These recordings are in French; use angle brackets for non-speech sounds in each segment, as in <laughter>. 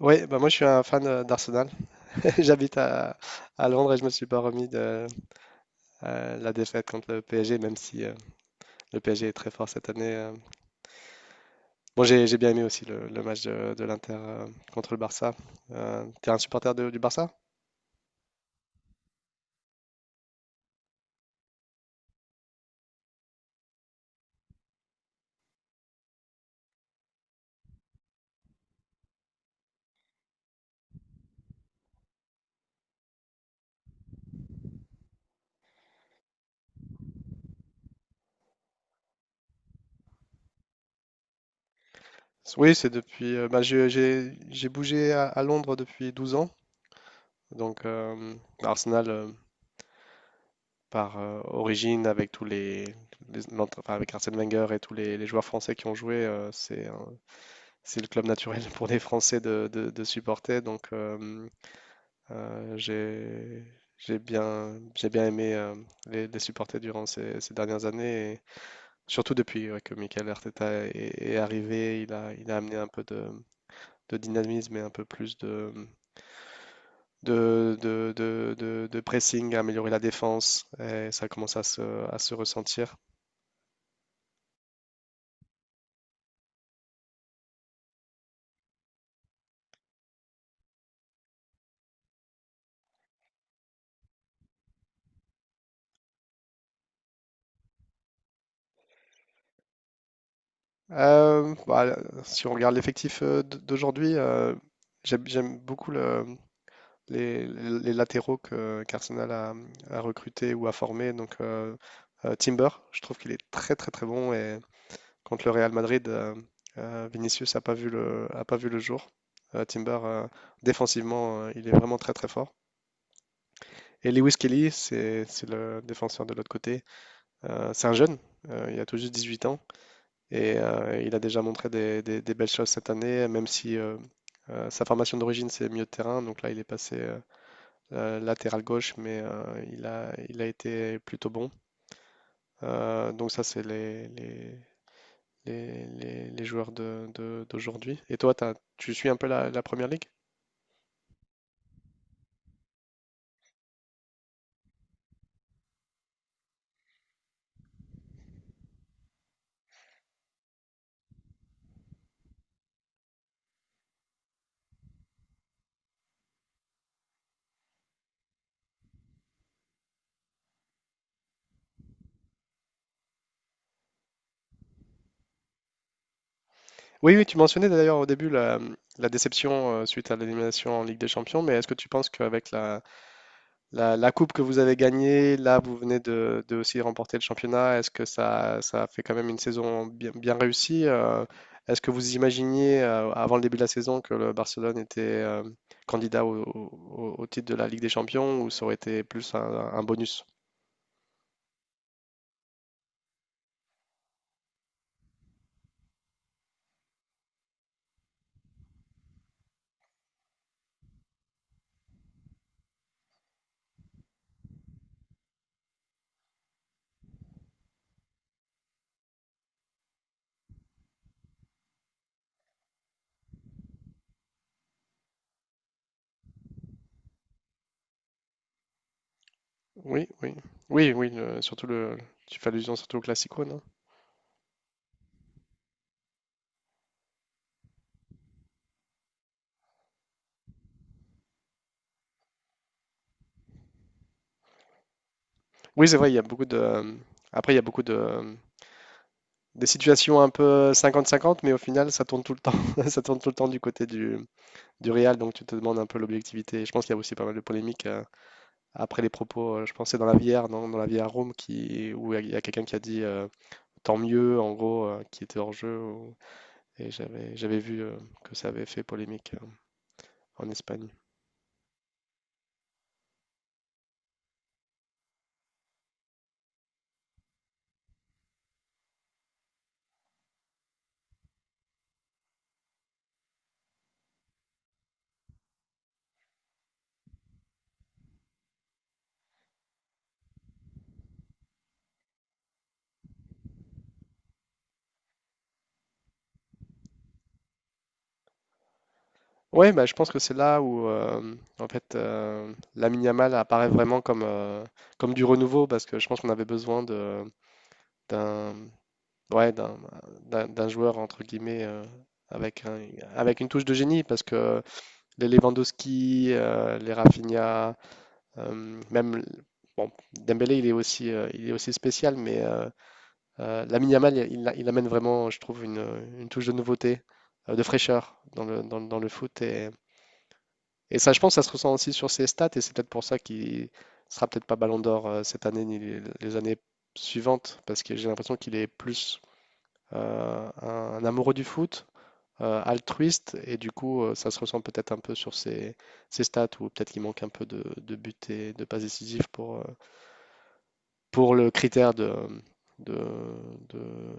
Oui, bah moi je suis un fan d'Arsenal. <laughs> J'habite à Londres et je me suis pas remis de la défaite contre le PSG, même si le PSG est très fort cette année. Bon, j'ai bien aimé aussi le match de l'Inter contre le Barça. T'es un supporter du Barça? Oui, c'est depuis. Bah, j'ai bougé à Londres depuis 12 ans. Donc Arsenal par origine avec tous enfin, avec Arsène Wenger et tous les joueurs français qui ont joué, c'est le club naturel pour les Français de, de supporter. Donc, euh, j'ai, j'ai bien aimé les supporter durant ces dernières années, et surtout depuis ouais, que Mikel Arteta est arrivé. Il a amené un peu de dynamisme et un peu plus de pressing, à améliorer la défense, et ça commence à se ressentir. Bah, si on regarde l'effectif d'aujourd'hui, j'aime beaucoup les latéraux qu'Arsenal a recruté ou a formé. Donc Timber, je trouve qu'il est très très très bon et contre le Real Madrid, Vinicius a pas vu le jour. Timber, défensivement, il est vraiment très très fort. Et Lewis Kelly, c'est le défenseur de l'autre côté. C'est un jeune, il a tout juste 18 ans et il a déjà montré des belles choses cette année, même si sa formation d'origine c'est milieu de terrain. Donc là, il est passé latéral gauche, mais il a été plutôt bon. Donc ça, c'est les joueurs de, d'aujourd'hui. Et toi, tu suis un peu la première ligue? Oui, oui, tu mentionnais d'ailleurs au début la déception suite à l'élimination en Ligue des Champions, mais est-ce que tu penses qu'avec la coupe que vous avez gagnée, là, vous venez de aussi remporter le championnat. Est-ce que ça fait quand même une saison bien, bien réussie? Est-ce que vous imaginiez, avant le début de la saison, que le Barcelone était candidat au titre de la Ligue des Champions ou ça aurait été plus un bonus? Oui, oui, oui, oui, tu fais allusion surtout au Classico, non? Oui, c'est vrai, il y a beaucoup de, après, il y a beaucoup de, des situations un peu 50-50, mais au final, ça tourne tout le temps, <laughs> ça tourne tout le temps du côté du Real, donc tu te demandes un peu l'objectivité. Je pense qu'il y a aussi pas mal de polémiques après les propos. Je pensais dans la VR, non, dans la VR Room, qui, où il y a quelqu'un qui a dit tant mieux, en gros, qui était hors jeu. Et j'avais vu que ça avait fait polémique en Espagne. Ouais, bah, je pense que c'est là où en fait Lamine Yamal apparaît vraiment comme du renouveau parce que je pense qu'on avait besoin d'un, ouais, d'un joueur entre guillemets avec un- avec une touche de génie parce que les Lewandowski, les Rafinha, même bon, Dembélé, il est aussi spécial, mais Lamine Yamal, il amène vraiment, je trouve, une touche de nouveauté, de fraîcheur dans le foot. Et ça, je pense, ça se ressent aussi sur ses stats, et c'est peut-être pour ça qu'il sera peut-être pas Ballon d'Or cette année ni les années suivantes, parce que j'ai l'impression qu'il est plus un amoureux du foot, altruiste et du coup ça se ressent peut-être un peu sur ses stats ou peut-être qu'il manque un peu de buts et de passes décisives pour le critère de, de-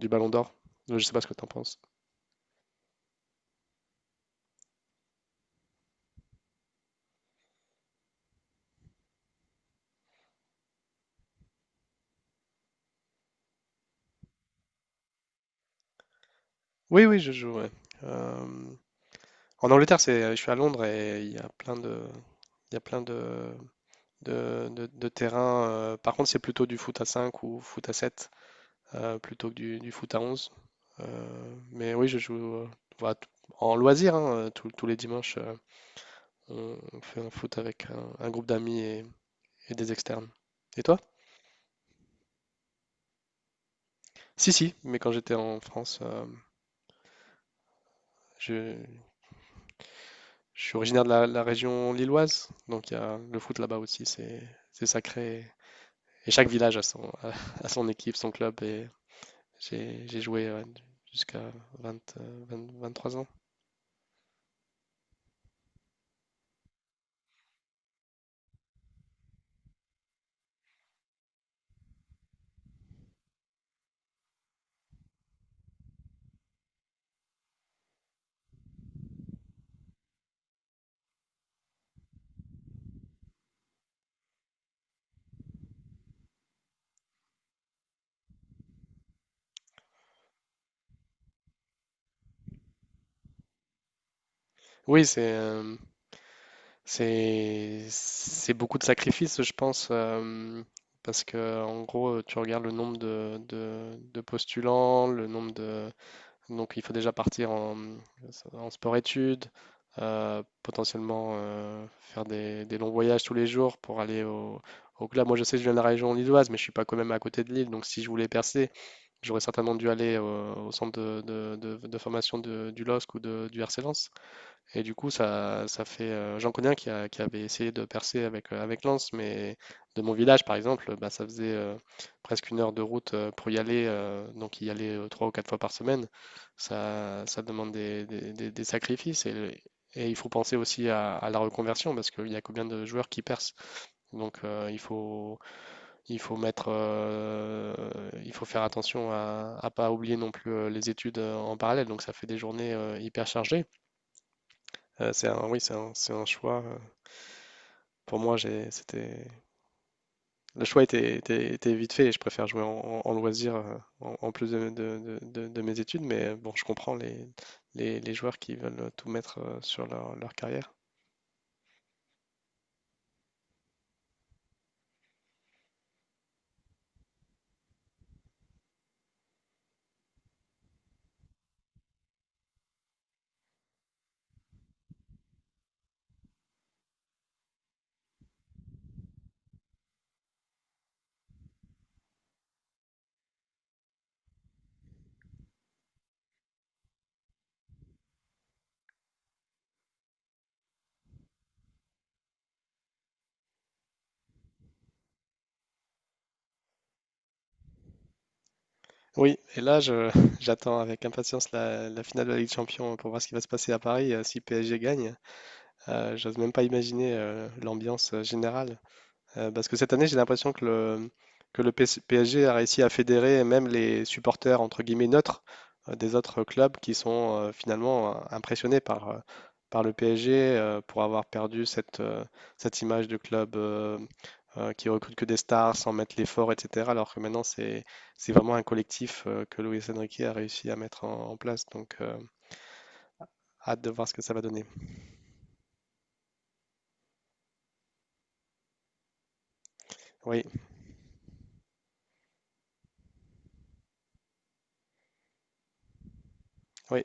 du Ballon d'Or. Je ne sais pas ce que tu en penses. Oui, oui, je joue. Ouais. Euh, en Angleterre, je suis à Londres et il y a plein de, il y a plein de terrains. Par contre, c'est plutôt du foot à 5 ou foot à 7 plutôt que du foot à onze. Mais oui, je joue voilà, en loisir, hein, tous les dimanches, on fait un foot avec un groupe d'amis et des externes. Et toi? Si, si, mais quand j'étais en France, je, je suis originaire de la région lilloise, donc il y a le foot là-bas aussi, c'est sacré. Et chaque village a son, <laughs> a son équipe, son club, et j'ai joué ouais, jusqu'à 20, euh, 20 23 ans. Oui, c'est beaucoup de sacrifices, je pense, parce que en gros, tu regardes le nombre de postulants, le nombre de donc il faut déjà partir en sport-études, potentiellement faire des longs voyages tous les jours pour aller au club. Moi, je sais que je viens de la région lilloise, mais je suis pas quand même à côté de Lille, donc si je voulais percer, j'aurais certainement dû aller au centre de formation du LOSC ou du RC Lens. Et du coup, ça fait. J'en connais un qui avait essayé de percer avec Lens, mais de mon village, par exemple, bah, ça faisait presque une heure de route pour y aller. Donc, y aller trois ou quatre fois par semaine, ça demande des sacrifices. Et il faut penser aussi à la reconversion, parce qu'il y a combien de joueurs qui percent. Donc, il faut mettre, euh, il faut faire attention à ne pas oublier non plus les études en parallèle. Donc, ça fait des journées hyper chargées. C'est un oui, c'est un choix, pour moi, j'ai c'était le choix était vite fait et je préfère jouer en loisir, en en plus de mes études, mais bon, je comprends les joueurs qui veulent, tout mettre, sur leur carrière. Oui et là, je <laughs> j'attends avec impatience la finale de la Ligue des champions pour voir ce qui va se passer à Paris, si PSG gagne. J'ose même pas imaginer, l'ambiance, générale. Parce que cette année, j'ai l'impression que le PSG a réussi à fédérer même les supporters, entre guillemets, neutres des autres clubs qui sont finalement impressionnés par le PSG pour avoir perdu cette image de club qui recrute que des stars sans mettre l'effort, etc. Alors que maintenant, c'est vraiment un collectif que Luis Enrique a réussi à mettre en place. Donc, hâte de voir ce que ça va donner. Oui, oui.